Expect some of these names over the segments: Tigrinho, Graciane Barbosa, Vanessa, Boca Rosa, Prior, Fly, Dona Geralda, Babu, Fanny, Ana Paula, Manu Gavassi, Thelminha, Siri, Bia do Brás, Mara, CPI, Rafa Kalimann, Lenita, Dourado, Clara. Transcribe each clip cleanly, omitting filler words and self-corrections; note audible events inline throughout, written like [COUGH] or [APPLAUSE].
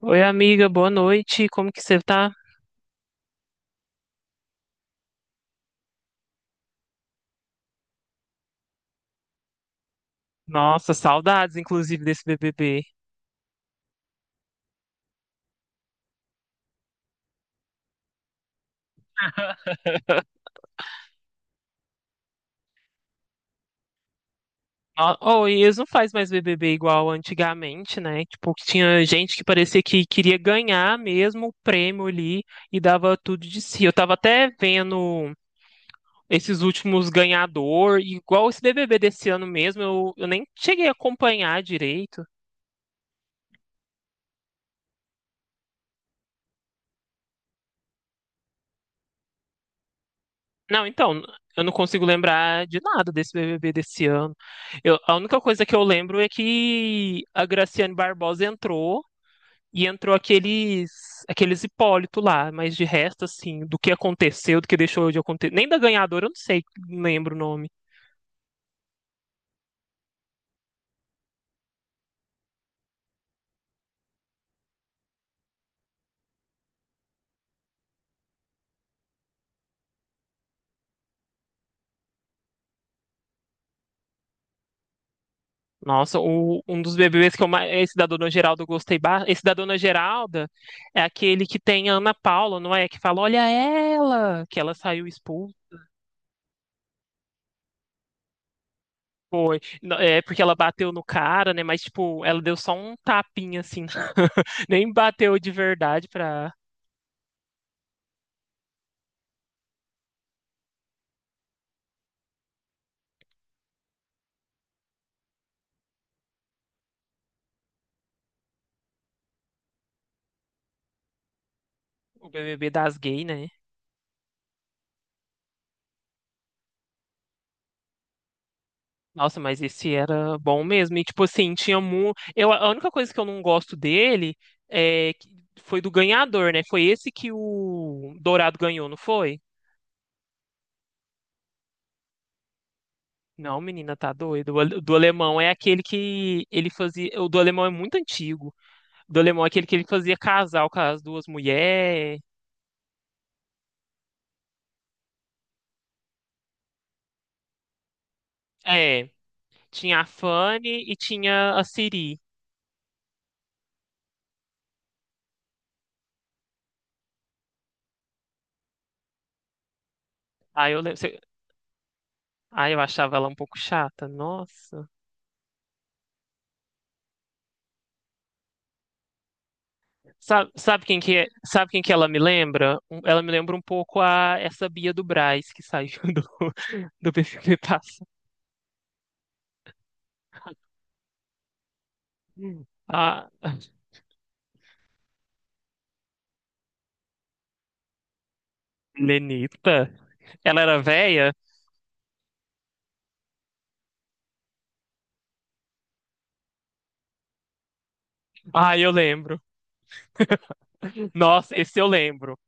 Oi, amiga, boa noite. Como que você tá? Nossa, saudades, inclusive, desse BBB. Oh, e eles [LAUGHS] não fazem mais BBB igual antigamente, né? Tipo, que tinha gente que parecia que queria ganhar mesmo o prêmio ali e dava tudo de si. Eu tava até vendo esses últimos ganhador, e igual esse BBB desse ano mesmo, eu nem cheguei a acompanhar direito. Não, então, eu não consigo lembrar de nada desse BBB desse ano. A única coisa que eu lembro é que a Graciane Barbosa entrou e entrou aqueles Hipólito lá, mas de resto, assim, do que aconteceu, do que deixou de acontecer, nem da ganhadora, eu não sei, não lembro o nome. Nossa, um dos BBBs que eu mais, esse da Dona Geralda eu gostei, esse da Dona Geralda é aquele que tem a Ana Paula, não é? Que fala, olha ela, que ela saiu. Foi. Não, é porque ela bateu no cara, né? Mas, tipo, ela deu só um tapinha, assim. [LAUGHS] Nem bateu de verdade pra o BBB das gays, né? Nossa, mas esse era bom mesmo. E, tipo, assim, tinha muito. Eu, a única coisa que eu não gosto dele é... que- foi do ganhador, né? Foi esse que o Dourado ganhou, não foi? Não, menina, tá doido. Do alemão é aquele que ele fazia. O do alemão é muito antigo. O do alemão é aquele que ele fazia casal com as duas mulheres. É. Tinha a Fanny e tinha a Siri. Aí eu, lem- cê- Aí eu achava ela um pouco chata. Nossa. Sabe, sabe quem que é, sabe quem que ela me lembra? Ela me lembra um pouco a essa Bia do Brás que saiu do, [LAUGHS] do BBB Passa. A Lenita. Ela era velha? Ah, eu lembro. Nossa, esse eu lembro.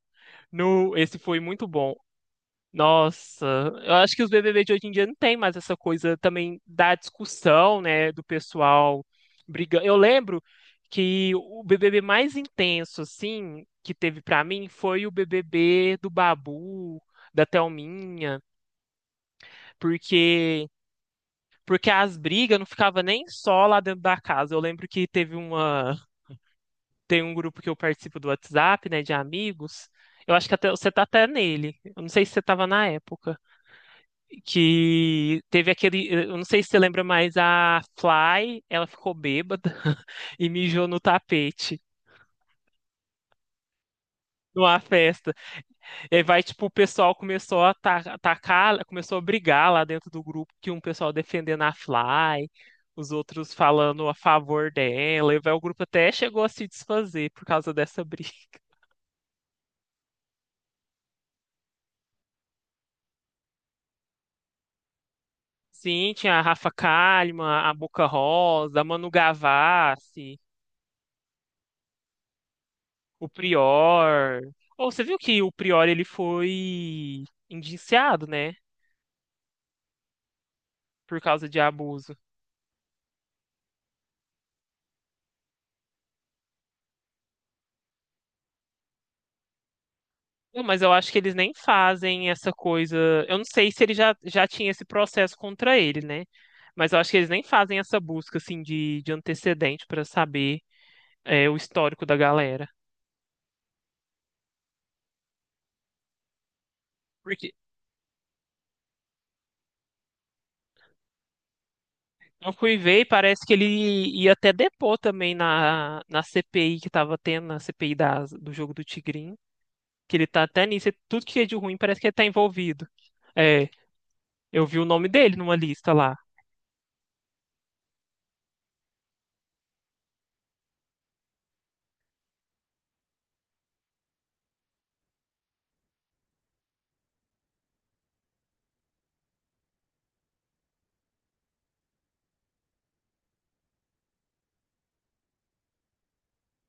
No, esse foi muito bom. Nossa, eu acho que os BBB de hoje em dia não tem mais essa coisa também da discussão, né, do pessoal brigando. Eu lembro que o BBB mais intenso, assim, que teve pra mim foi o BBB do Babu, da Thelminha, porque as brigas não ficavam nem só lá dentro da casa. Eu lembro que teve uma, tem um grupo que eu participo do WhatsApp, né, de amigos. Eu acho que até você tá até nele. Eu não sei se você tava na época. Que teve aquele, eu não sei se você lembra, mas a Fly, ela ficou bêbada [LAUGHS] e mijou no tapete numa festa. E aí vai, tipo, o pessoal começou a atacar, começou a brigar lá dentro do grupo, que um pessoal defendendo a Fly, os outros falando a favor dela, e vai, o grupo até chegou a se desfazer por causa dessa briga. Sim, tinha a Rafa Kalimann, a Boca Rosa, a Manu Gavassi, o Prior. Ou você viu que o Prior ele foi indiciado, né? Por causa de abuso. Não, mas eu acho que eles nem fazem essa coisa. Eu não sei se ele já tinha esse processo contra ele, né? Mas eu acho que eles nem fazem essa busca assim de antecedente para saber é, o histórico da galera. Porque eu fui ver e parece que ele ia até depor também na CPI que tava tendo, na CPI da do jogo do Tigrinho, que ele tá até nisso. E tudo que é de ruim parece que ele tá envolvido. É, eu vi o nome dele numa lista lá.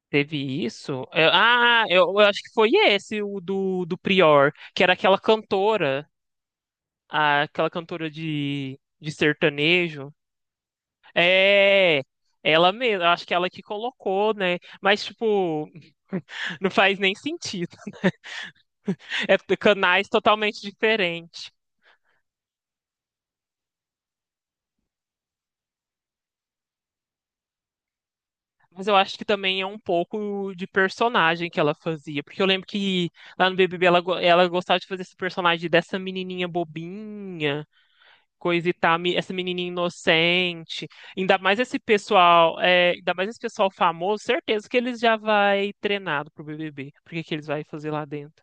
Teve isso? É, ah, eu acho que foi esse, do Prior, que era aquela cantora, aquela cantora de sertanejo. É, ela mesma, acho que ela que colocou, né? Mas, tipo, [LAUGHS] não faz nem sentido. É canais totalmente diferentes. Mas eu acho que também é um pouco de personagem que ela fazia. Porque eu lembro que lá no BBB ela, ela gostava de fazer esse personagem dessa menininha bobinha, coisa e tal, essa menininha inocente. Ainda mais esse pessoal, é, ainda mais esse pessoal famoso, certeza que eles já vai treinado pro BBB. Porque que eles vai fazer lá dentro?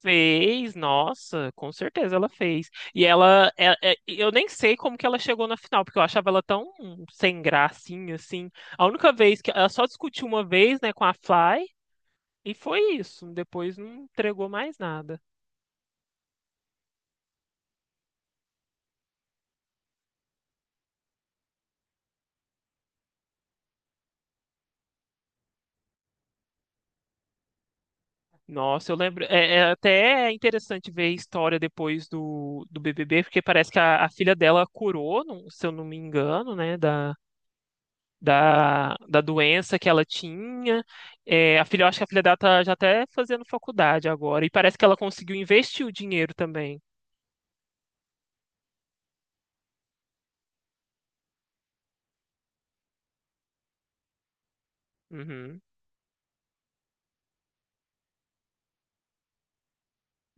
Fez, nossa, com certeza ela fez. E ela, eu nem sei como que ela chegou na final, porque eu achava ela tão sem gracinha, assim. A única vez que ela só discutiu uma vez, né, com a Fly, e foi isso. Depois não entregou mais nada. Nossa, eu lembro. É, é até é interessante ver a história depois do, do BBB, porque parece que a filha dela curou, se eu não me engano, né, da doença que ela tinha. É, a filha, eu acho que a filha dela tá já até fazendo faculdade agora. E parece que ela conseguiu investir o dinheiro também. Uhum.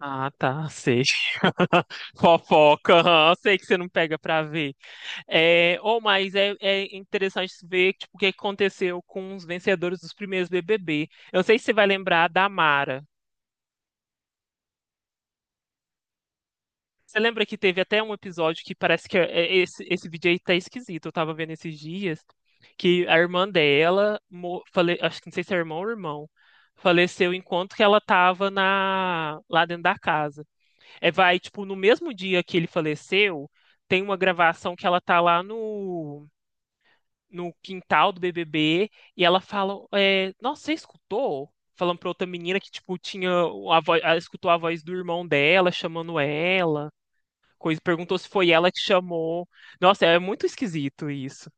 Ah, tá, sei. [LAUGHS] Fofoca, aham, sei que você não pega pra ver. É, ou mas é, é interessante ver tipo, o que aconteceu com os vencedores dos primeiros BBB. Eu não sei se você vai lembrar da Mara. Você lembra que teve até um episódio que parece que é esse, esse vídeo aí tá esquisito. Eu tava vendo esses dias que a irmã dela, acho que não sei se é irmão ou irmão, faleceu enquanto que ela tava na, lá dentro da casa. É, vai, tipo, no mesmo dia que ele faleceu, tem uma gravação que ela tá lá no quintal do BBB e ela fala, é, nossa, você escutou? Falando pra outra menina que, tipo, tinha a voz, ela escutou a voz do irmão dela chamando ela coisa, perguntou se foi ela que chamou. Nossa, é muito esquisito isso.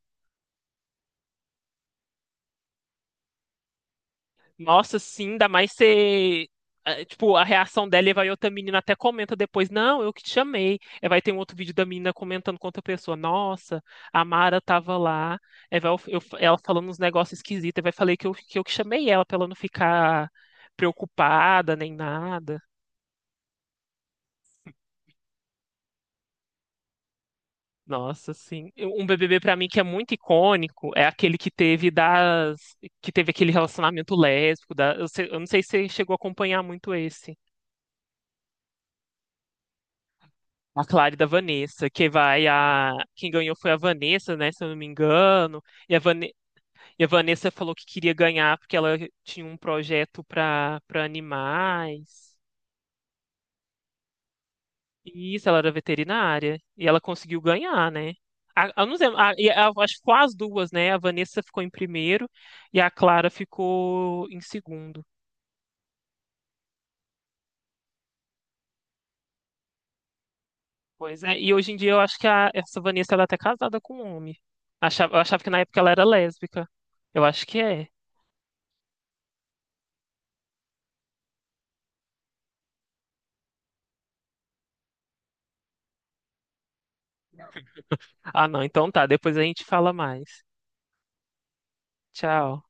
Nossa, sim, ainda mais ser. Tipo, a reação dela e vai outra menina até comenta depois, não, eu que te chamei. Aí vai ter um outro vídeo da menina comentando com outra pessoa, nossa, a Mara tava lá. Aí vai ela falando uns negócios esquisitos, aí vai falei que eu, que eu que chamei ela pra ela não ficar preocupada nem nada. Nossa, sim. Um BBB pra mim que é muito icônico é aquele que teve das que teve aquele relacionamento lésbico da eu não sei se você chegou a acompanhar muito esse. A Clara e da Vanessa, que vai a quem ganhou foi a Vanessa, né, se eu não me engano. E a, Vane... e a Vanessa falou que queria ganhar porque ela tinha um projeto para animais. Isso, ela era veterinária. E ela conseguiu ganhar, né? A, eu não sei, a- e a- Acho que foi as duas, né? A Vanessa ficou em primeiro e a Clara ficou em segundo. Pois é, e hoje em dia eu acho que essa Vanessa ela é até casada com um homem. Eu achava que na época ela era lésbica. Eu acho que é. Ah, não, então tá, depois a gente fala mais. Tchau.